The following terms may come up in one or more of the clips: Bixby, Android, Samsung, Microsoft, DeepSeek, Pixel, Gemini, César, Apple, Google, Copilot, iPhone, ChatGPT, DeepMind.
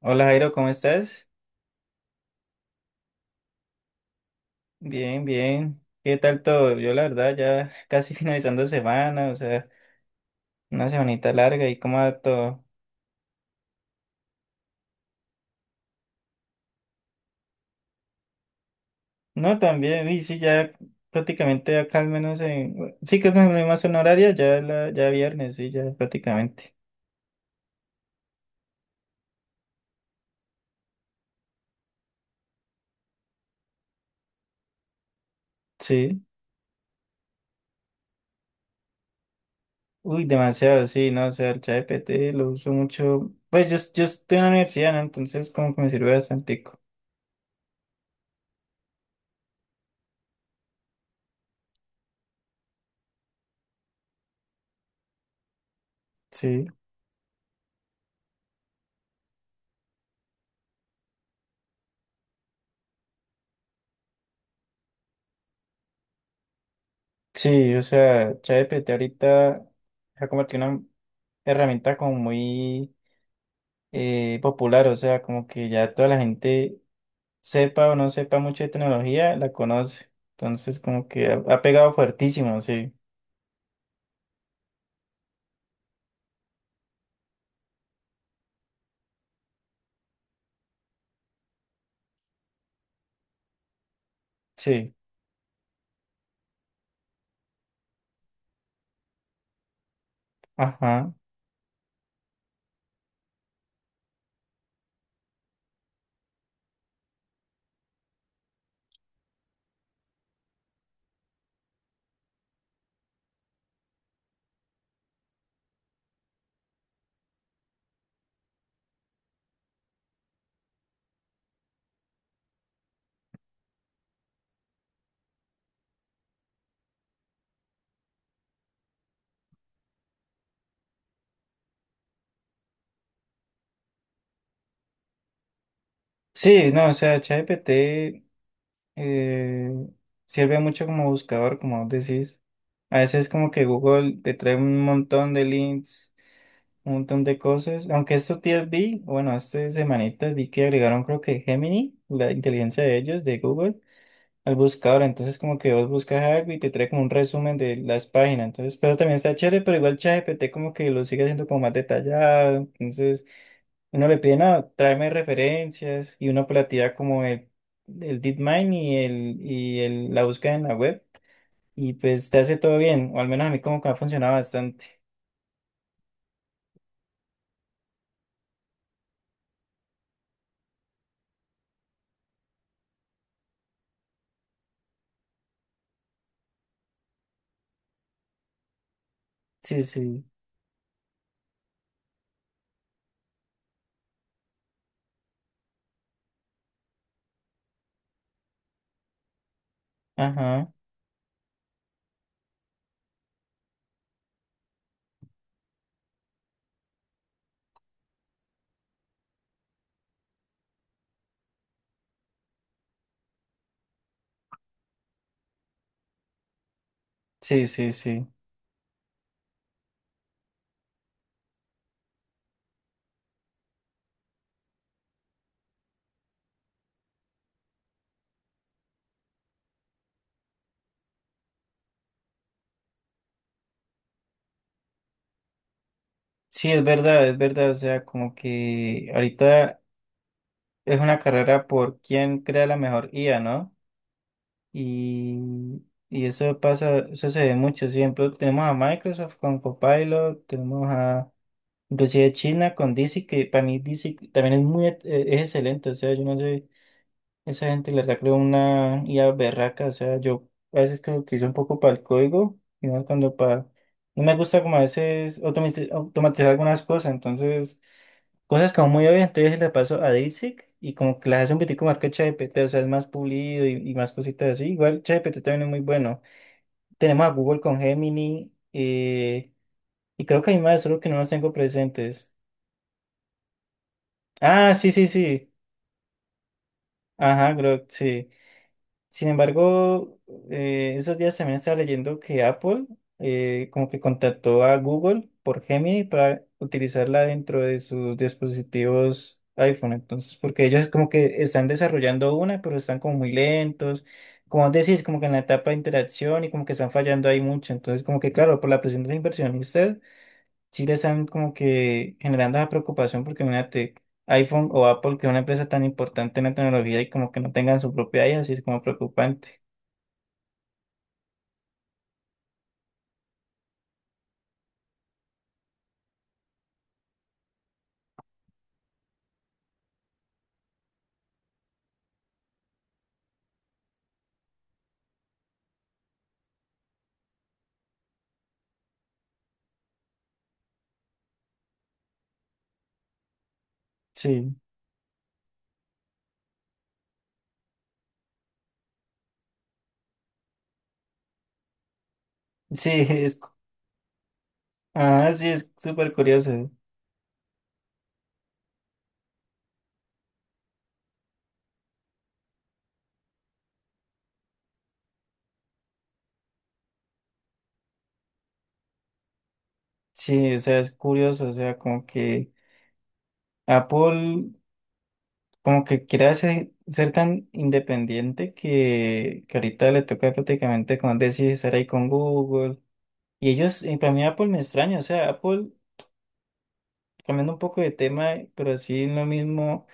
Hola Jairo, ¿cómo estás? Bien, bien. ¿Qué tal todo? Yo la verdad ya casi finalizando semana, o sea, una semanita larga y cómo va todo. No, también, y sí, ya prácticamente acá al menos en... Sí que es la misma zona horaria, ya, ya viernes, sí, ya prácticamente. Sí. Uy, demasiado, sí, no, o sea, el ChatGPT lo uso mucho. Pues yo estoy en la universidad, ¿no? Entonces como que me sirve bastante. Sí. Sí, o sea, ChatGPT ahorita se ha convertido en una herramienta como muy popular, o sea, como que ya toda la gente sepa o no sepa mucho de tecnología, la conoce. Entonces, como que ha pegado fuertísimo, sí, sí, ajá. Sí, no, o sea, ChatGPT eh, sirve mucho como buscador, como vos decís. A veces como que Google te trae un montón de links, un montón de cosas. Aunque estos días vi, bueno, estas semanitas vi que agregaron creo que Gemini, la inteligencia de ellos, de Google al buscador. Entonces, como que vos buscas algo y te trae como un resumen de las páginas. Entonces, pero también está chévere, pero igual ChatGPT como que lo sigue haciendo como más detallado. Entonces, uno le pide, no, tráeme referencias y una operativa como el DeepMind y la búsqueda en la web. Y pues te hace todo bien, o al menos a mí como que ha funcionado bastante. Sí, sí. Ajá. Sí, sí, sí. Sí, es verdad, es verdad. O sea, como que ahorita es una carrera por quién crea la mejor IA, ¿no? Y, y eso pasa, eso se ve mucho. Siempre tenemos a Microsoft con Copilot, tenemos a inclusive China con DeepSeek, que para mí DeepSeek también es muy, es excelente. O sea, yo no sé. Esa gente le saca una IA berraca, o sea, yo a veces creo que hice un poco para el código, y no cuando para... No me gusta como a veces automatizar algunas cosas, entonces, cosas como muy obvias, entonces le paso a DeepSeek y como que las hace un poquitico más que ChatGPT, o sea, es más pulido y más cositas así. Igual ChatGPT también es muy bueno. Tenemos a Google con Gemini, y creo que hay más, solo que no los tengo presentes. Ah, sí, sí, sí. Ajá, creo, sí. Sin embargo, esos días también estaba leyendo que Apple como que contactó a Google por Gemini para utilizarla dentro de sus dispositivos iPhone. Entonces, porque ellos como que están desarrollando una, pero están como muy lentos. Como decís, como que en la etapa de interacción y como que están fallando ahí mucho. Entonces, como que claro, por la presión de los inversionistas sí le están como que generando esa preocupación porque imagínate, iPhone o Apple, que es una empresa tan importante en la tecnología y como que no tengan su propia IA, sí es como preocupante. Sí, sí, ah, sí, es súper curioso. Sí, o sea, es curioso, o sea, como que Apple como que quiere ser tan independiente que ahorita le toca prácticamente, como decir, estar ahí con Google. Y ellos, y para mí Apple me extraña, o sea, Apple, cambiando un poco de tema, pero así en lo mismo.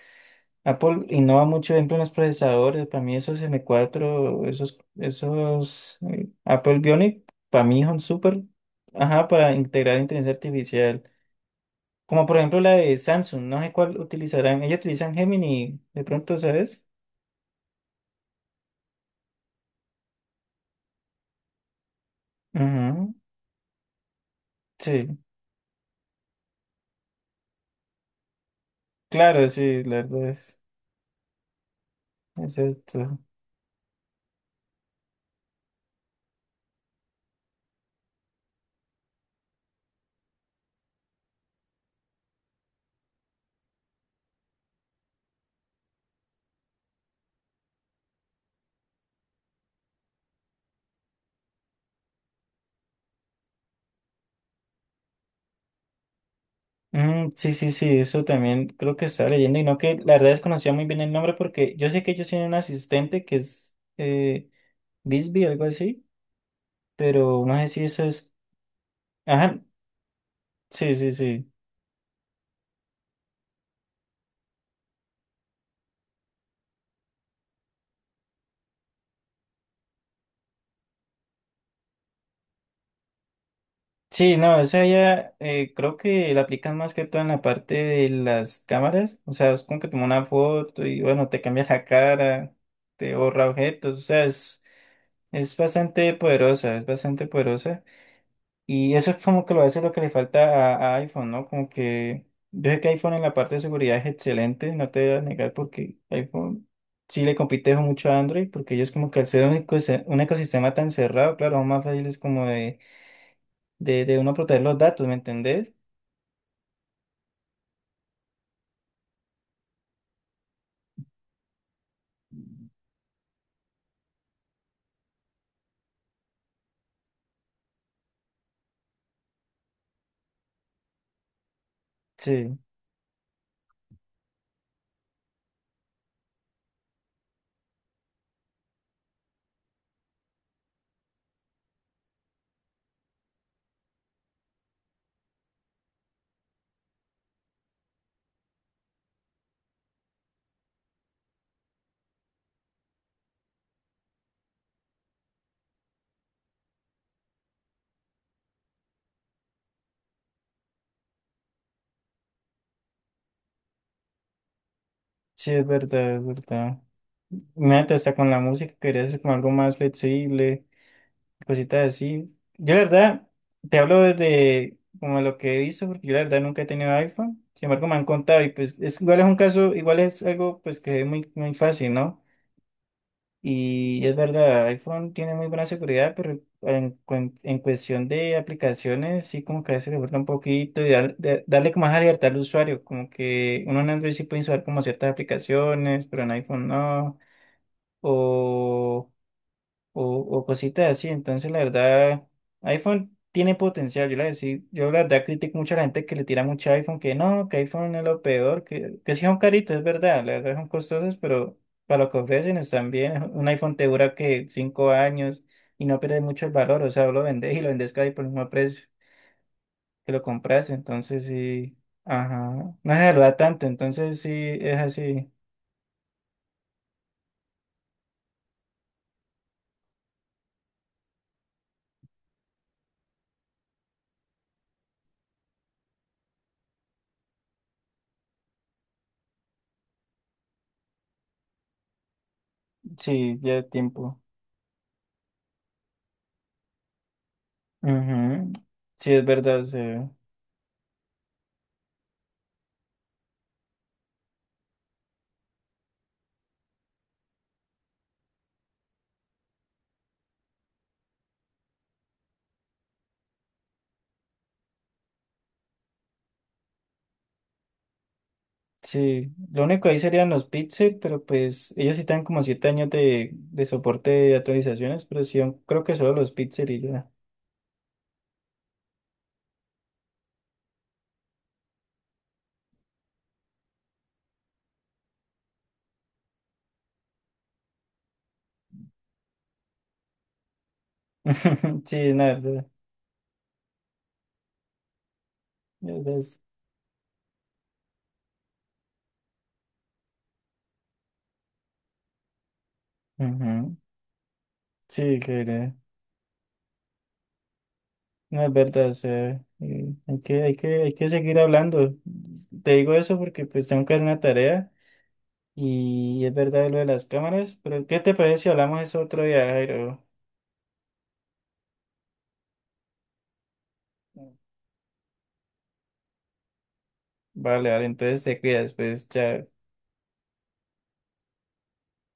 Apple innova mucho, por ejemplo, en los procesadores. Para mí esos M4, esos Apple Bionic, para mí son súper, ajá, para integrar inteligencia artificial. Como por ejemplo la de Samsung, no sé cuál utilizarán. Ellos utilizan Gemini, de pronto, ¿sabes? Ujú, sí, claro, sí, la verdad es, exacto. Mm, sí, sí, sí, eso también creo que estaba leyendo y no que la verdad desconocía muy bien el nombre porque yo sé que ellos tienen un asistente que es Bixby, algo así, pero no sé si eso es... Ajá, sí, sí, sí. Sí, no, esa ya creo que la aplican más que todo en la parte de las cámaras. O sea, es como que toma una foto y bueno, te cambias la cara, te borra objetos. O sea, es bastante poderosa, es bastante poderosa. Y eso es como que a veces lo que le falta a iPhone, ¿no? Como que yo sé que iPhone en la parte de seguridad es excelente, no te voy a negar porque iPhone sí le compite mucho a Android, porque ellos como que al ser un ecosistema tan cerrado, claro, aún más fácil es como de, de uno proteger los datos, ¿me entendés? Sí, sí, es verdad, es verdad. Imagínate hasta con la música, querías hacer como algo más flexible, cositas así. Yo la verdad, te hablo desde como lo que he visto, porque yo la verdad nunca he tenido iPhone. Sin embargo, me han contado y pues es, igual es un caso, igual es algo pues que es muy, muy fácil, ¿no? Y es verdad, iPhone tiene muy buena seguridad, pero en cuestión de aplicaciones sí como que a veces le falta un poquito y darle como más libertad al usuario, como que uno en Android sí puede instalar como ciertas aplicaciones, pero en iPhone no. O o cositas así. Entonces, la verdad, iPhone tiene potencial. Yo la verdad critico mucho a la gente que le tira mucho a iPhone, que no, que iPhone es lo peor, que sí son caritos, es verdad, la verdad son costosos, pero para lo que ofrecen están bien. Un iPhone te dura que 5 años y no pierde mucho el valor, o sea, vos lo vendés y lo vendés casi por el mismo precio que lo compras, entonces sí. Ajá, no se saluda tanto, entonces sí, es así, sí, ya tiempo. Ujú. Sí, es verdad, sí. Sí, lo único ahí serían los Pixel, pero pues ellos sí tienen como 7 años de, soporte de actualizaciones, pero sí, yo creo que solo los Pixel y ya. Sí, la verdad. la verdad es- Ujú. Sí, no es verdad, o sea, hay que seguir hablando. Te digo eso porque pues tengo que hacer una tarea y es verdad lo de las cámaras, pero ¿qué te parece si hablamos eso otro día, Jairo? Vale, vale, entonces te cuidas, pues, chao.